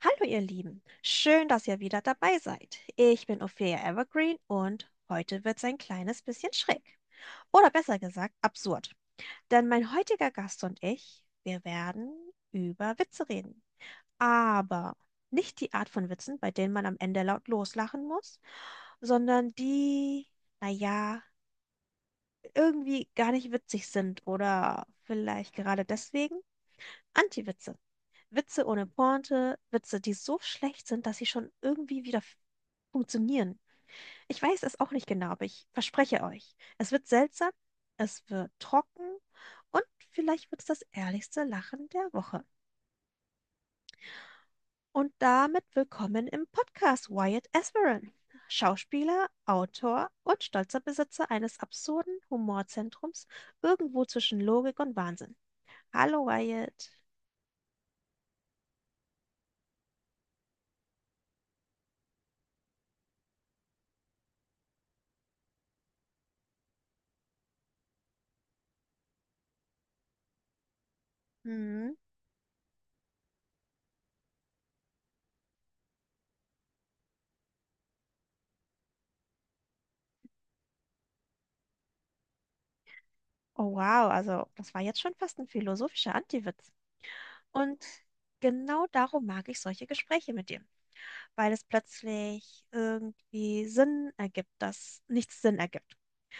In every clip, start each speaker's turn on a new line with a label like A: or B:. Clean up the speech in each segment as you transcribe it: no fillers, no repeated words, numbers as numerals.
A: Hallo ihr Lieben, schön, dass ihr wieder dabei seid. Ich bin Ophelia Evergreen und heute wird's ein kleines bisschen schräg. Oder besser gesagt, absurd. Denn mein heutiger Gast und ich, wir werden über Witze reden. Aber nicht die Art von Witzen, bei denen man am Ende laut loslachen muss, sondern die, naja, irgendwie gar nicht witzig sind oder vielleicht gerade deswegen Antiwitze. Witze ohne Pointe, Witze, die so schlecht sind, dass sie schon irgendwie wieder funktionieren. Ich weiß es auch nicht genau, aber ich verspreche euch, es wird seltsam, es wird trocken und vielleicht wird es das ehrlichste Lachen der Woche. Und damit willkommen im Podcast Wyatt Esperen, Schauspieler, Autor und stolzer Besitzer eines absurden Humorzentrums irgendwo zwischen Logik und Wahnsinn. Hallo Wyatt. Hm. Oh wow, also das war jetzt schon fast ein philosophischer Antiwitz. Und genau darum mag ich solche Gespräche mit dir, weil es plötzlich irgendwie Sinn ergibt, dass nichts Sinn ergibt.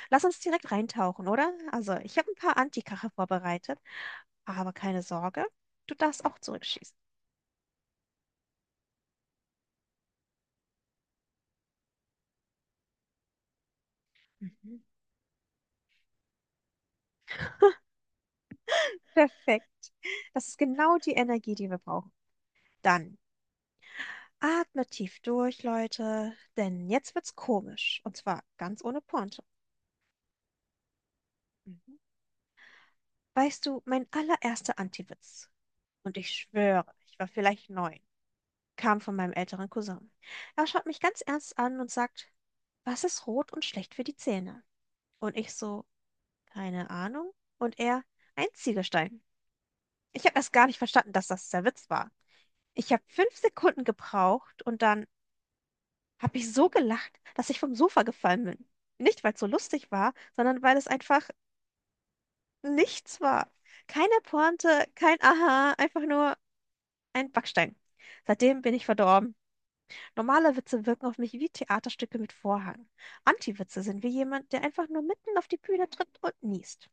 A: Lass uns direkt reintauchen, oder? Also, ich habe ein paar Antikacher vorbereitet, aber keine Sorge, du darfst auch zurückschießen. Mhm. Perfekt. Das ist genau die Energie, die wir brauchen. Dann atmet tief durch, Leute, denn jetzt wird's komisch. Und zwar ganz ohne Pointe. Mhm. Weißt du, mein allererster Antiwitz. Und ich schwöre, ich war vielleicht neun, kam von meinem älteren Cousin. Er schaut mich ganz ernst an und sagt, was ist rot und schlecht für die Zähne? Und ich so, keine Ahnung. Und er, ein Ziegelstein. Ich habe erst gar nicht verstanden, dass das der Witz war. Ich habe 5 Sekunden gebraucht und dann habe ich so gelacht, dass ich vom Sofa gefallen bin. Nicht, weil es so lustig war, sondern weil es einfach nichts war. Keine Pointe, kein Aha, einfach nur ein Backstein. Seitdem bin ich verdorben. Normale Witze wirken auf mich wie Theaterstücke mit Vorhang. Anti-Witze sind wie jemand, der einfach nur mitten auf die Bühne tritt und niest.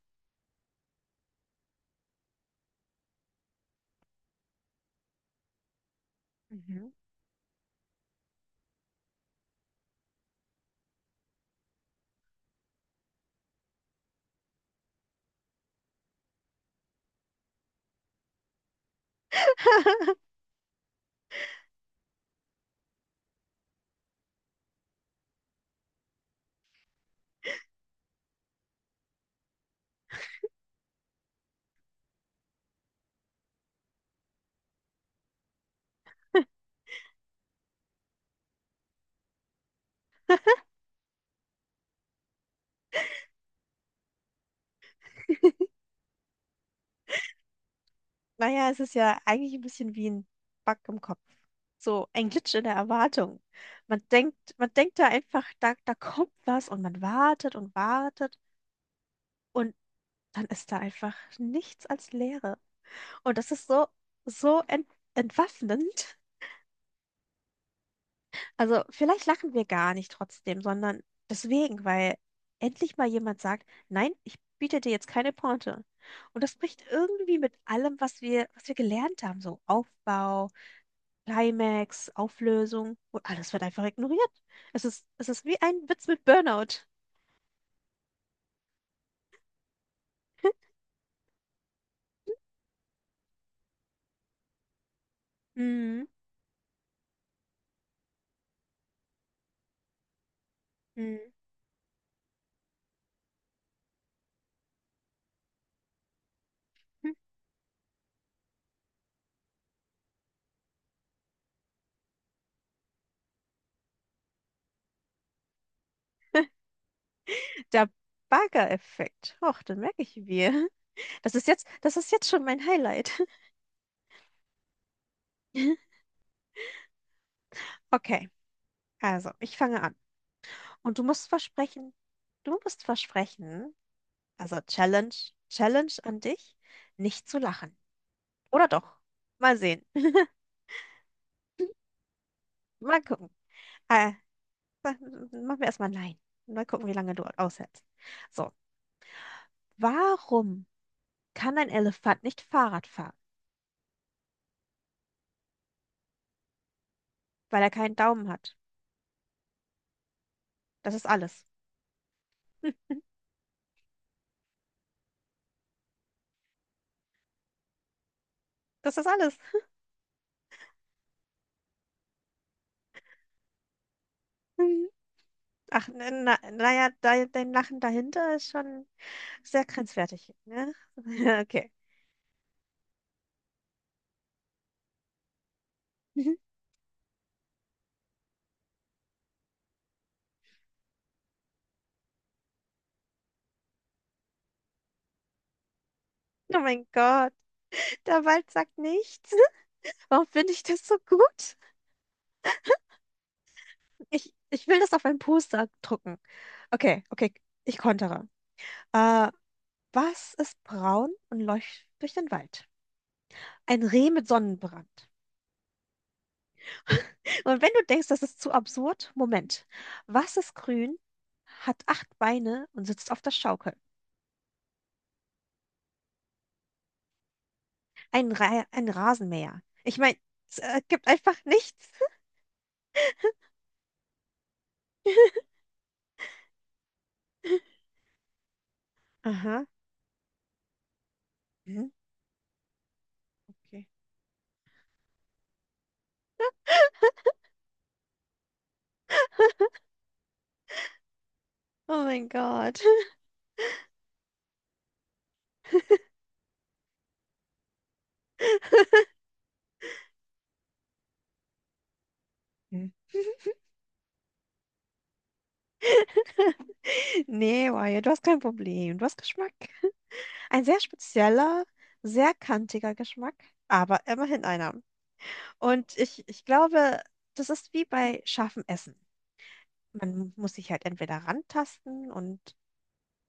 A: Mhm. Naja, es ist ja eigentlich ein bisschen wie ein Bug im Kopf. So ein Glitch in der Erwartung. Man denkt da einfach, da kommt was und man wartet und wartet und dann ist da einfach nichts als Leere. Und das ist so entwaffnend. Also vielleicht lachen wir gar nicht trotzdem, sondern deswegen, weil endlich mal jemand sagt, nein, ich biete dir jetzt keine Pointe. Und das bricht irgendwie mit allem, was wir gelernt haben, so Aufbau, Climax, Auflösung und alles wird einfach ignoriert. Es ist wie ein Witz mit Burnout. Mhm. Mhm. Der Bagger-Effekt. Och, den merke ich mir. Das ist jetzt schon mein Highlight. Okay, also ich fange an. Und du musst versprechen, also Challenge an dich, nicht zu lachen. Oder doch? Mal sehen. Mal gucken. Äh, ma- machen wir erstmal nein. Mal gucken, wie lange du aushältst. So, warum kann ein Elefant nicht Fahrrad fahren? Weil er keinen Daumen hat. Das ist alles. Hm, das ist alles. Hm. Ach, naja, dein Lachen dahinter ist schon sehr grenzwertig, ne? Okay. Oh mein Gott, der Wald sagt nichts. Warum finde ich das so gut? Ich will das auf ein Poster drucken. Okay, okay, ich kontere. Äh, was ist braun und läuft durch den Wald? Ein Reh mit Sonnenbrand. Und wenn du denkst, das ist zu absurd, Moment. Was ist grün, hat acht Beine und sitzt auf der Schaukel? Ein Rasenmäher. Ich meine, es gibt einfach nichts. Aha. Mhm. Okay. Oh mein Gott. Hm. Nee, Wyatt, du hast kein Problem. Du hast Geschmack. Ein sehr spezieller, sehr kantiger Geschmack, aber immerhin einer. Und ich glaube, das ist wie bei scharfem Essen. Man muss sich halt entweder rantasten und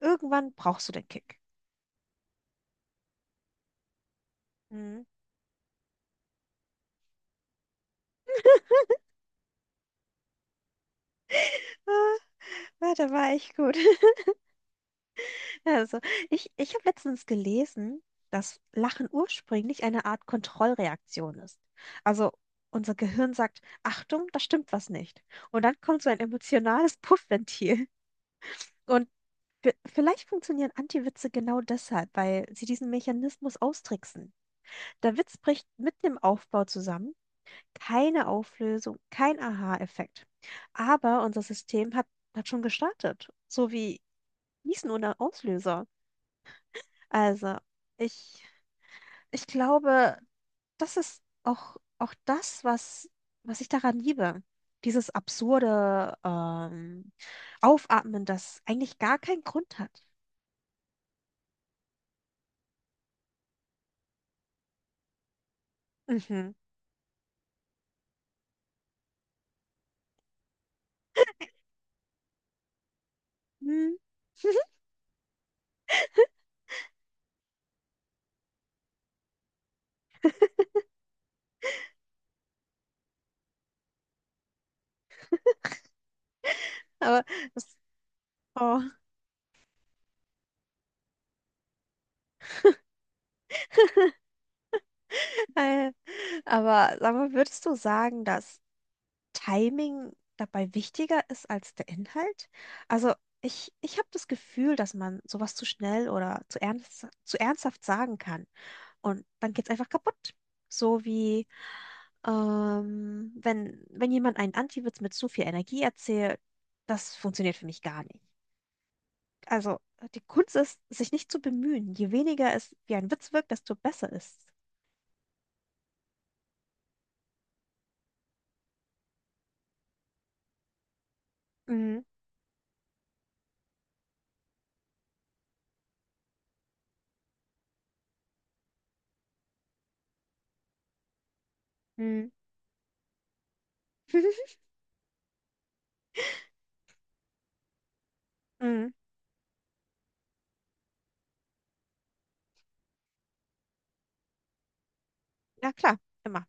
A: irgendwann brauchst du den Kick. Hm. Ah, da war echt gut. Also, ich habe letztens gelesen, dass Lachen ursprünglich eine Art Kontrollreaktion ist. Also, unser Gehirn sagt, Achtung, da stimmt was nicht. Und dann kommt so ein emotionales Puffventil. Und vielleicht funktionieren Anti-Witze genau deshalb, weil sie diesen Mechanismus austricksen. Der Witz bricht mitten im Aufbau zusammen, keine Auflösung, kein Aha-Effekt. Aber unser System hat schon gestartet, so wie Gießen ohne Auslöser. Also, ich, ich glaube, das ist auch das, was ich daran liebe. Dieses absurde Aufatmen, das eigentlich gar keinen Grund hat. Mhm. Hm, aber das Oh. Aber sag mal, würdest du sagen, dass Timing dabei wichtiger ist als der Inhalt? Also ich habe das Gefühl, dass man sowas zu schnell oder zu ernsthaft sagen kann und dann geht's einfach kaputt. So wie wenn jemand einen Antiwitz mit zu viel Energie erzählt, das funktioniert für mich gar nicht. Also die Kunst ist, sich nicht zu bemühen. Je weniger es wie ein Witz wirkt, desto besser ist es. Mhm. Mhm. Mhm. Ja, klar, immer.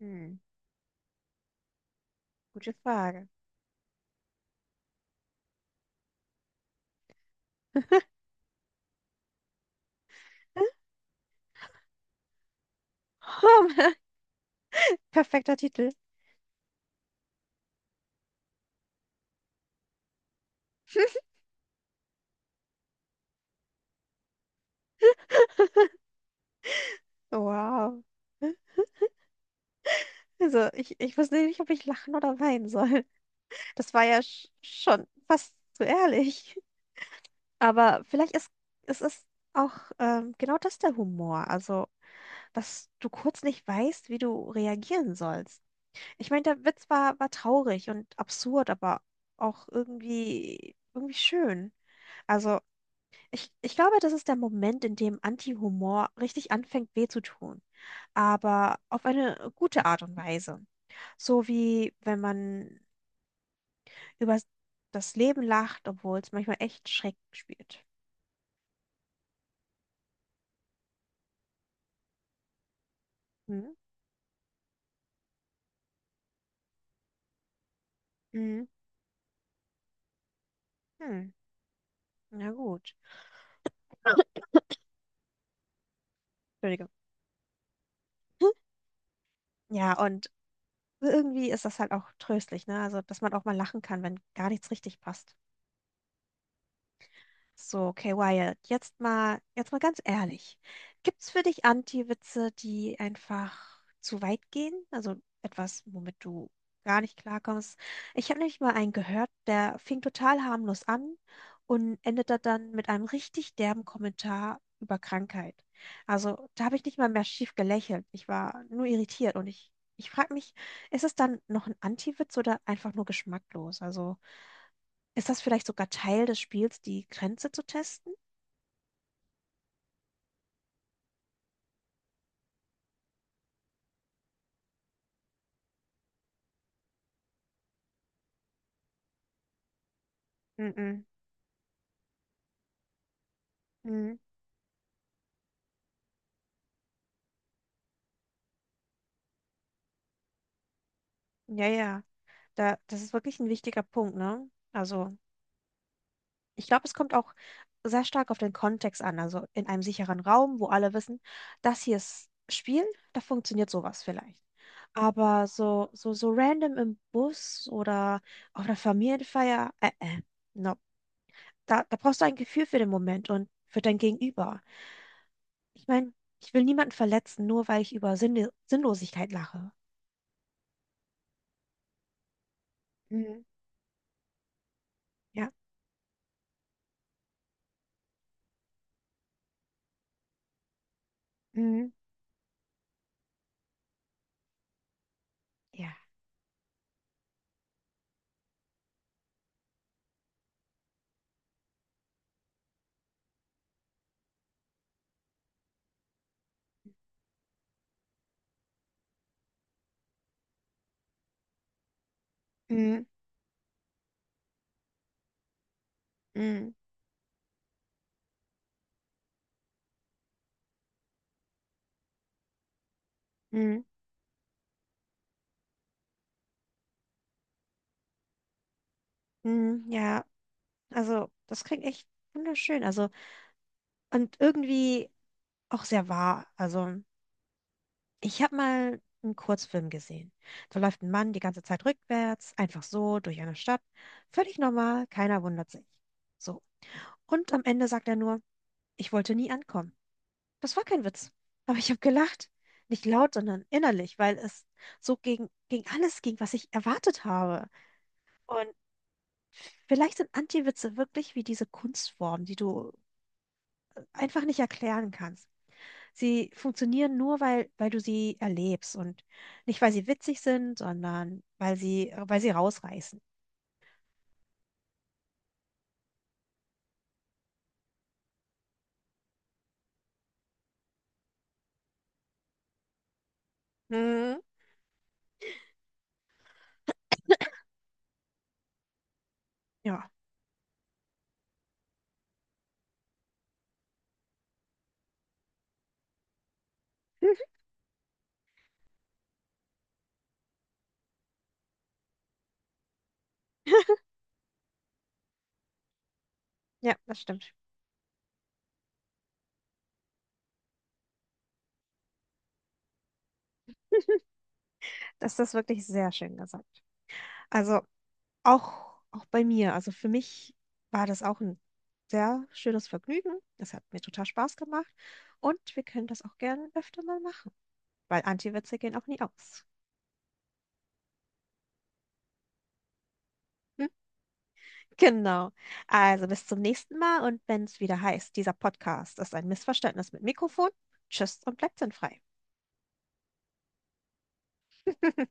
A: Hm, gute Frage. Oh, perfekter Titel. Wow. Also, ich wusste nicht, ob ich lachen oder weinen soll. Das war ja schon fast zu ehrlich. Aber vielleicht ist es ist auch genau das der Humor. Also, dass du kurz nicht weißt, wie du reagieren sollst. Ich meine, der Witz war traurig und absurd, aber auch irgendwie schön. Also, ich glaube, das ist der Moment, in dem Anti-Humor richtig anfängt, weh zu tun, aber auf eine gute Art und Weise. So wie wenn man über das Leben lacht, obwohl es manchmal echt schräg spielt. Hm? Hm. Hm. Na gut. Entschuldigung. Ja, und irgendwie ist das halt auch tröstlich, ne? Also, dass man auch mal lachen kann, wenn gar nichts richtig passt. So, okay, Wyatt, jetzt mal ganz ehrlich. Gibt's für dich Anti-Witze, die einfach zu weit gehen? Also etwas, womit du gar nicht klarkommst? Ich habe nämlich mal einen gehört, der fing total harmlos an und endete dann mit einem richtig derben Kommentar über Krankheit. Also da habe ich nicht mal mehr schief gelächelt. Ich war nur irritiert und ich frage mich, ist es dann noch ein Anti-Witz oder einfach nur geschmacklos? Also. Ist das vielleicht sogar Teil des Spiels, die Grenze zu testen? Mhm. Mhm. Ja, ja. Das ist wirklich ein wichtiger Punkt, ne? Also, ich glaube, es kommt auch sehr stark auf den Kontext an. Also in einem sicheren Raum, wo alle wissen, das hier ist Spiel, da funktioniert sowas vielleicht. Aber so random im Bus oder auf einer Familienfeier, no. Da brauchst du ein Gefühl für den Moment und für dein Gegenüber. Ich meine, ich will niemanden verletzen, nur weil ich über Sinnlosigkeit lache. Mhm. Ja. Mhm. Ja. Mhm. Mhm. Mhm. Mhm. Ja. Also, das klingt echt wunderschön. Also, und irgendwie auch sehr wahr. Also, ich habe mal einen Kurzfilm gesehen. Da läuft ein Mann die ganze Zeit rückwärts, einfach so durch eine Stadt. Völlig normal, keiner wundert sich. So. Und am Ende sagt er nur, ich wollte nie ankommen. Das war kein Witz. Aber ich habe gelacht. Nicht laut, sondern innerlich, weil es so gegen alles ging, was ich erwartet habe. Vielleicht sind Anti-Witze wirklich wie diese Kunstform, die du einfach nicht erklären kannst. Sie funktionieren nur, weil du sie erlebst und nicht, weil sie witzig sind, sondern weil sie rausreißen. Mhm. Ja. Ja, das stimmt. Das ist wirklich sehr schön gesagt. Also auch bei mir, also für mich war das auch ein sehr schönes Vergnügen. Das hat mir total Spaß gemacht und wir können das auch gerne öfter mal machen, weil Anti-Witze gehen auch nie aus. Genau. Also bis zum nächsten Mal und wenn es wieder heißt, dieser Podcast ist ein Missverständnis mit Mikrofon. Tschüss und bleibt sinnfrei.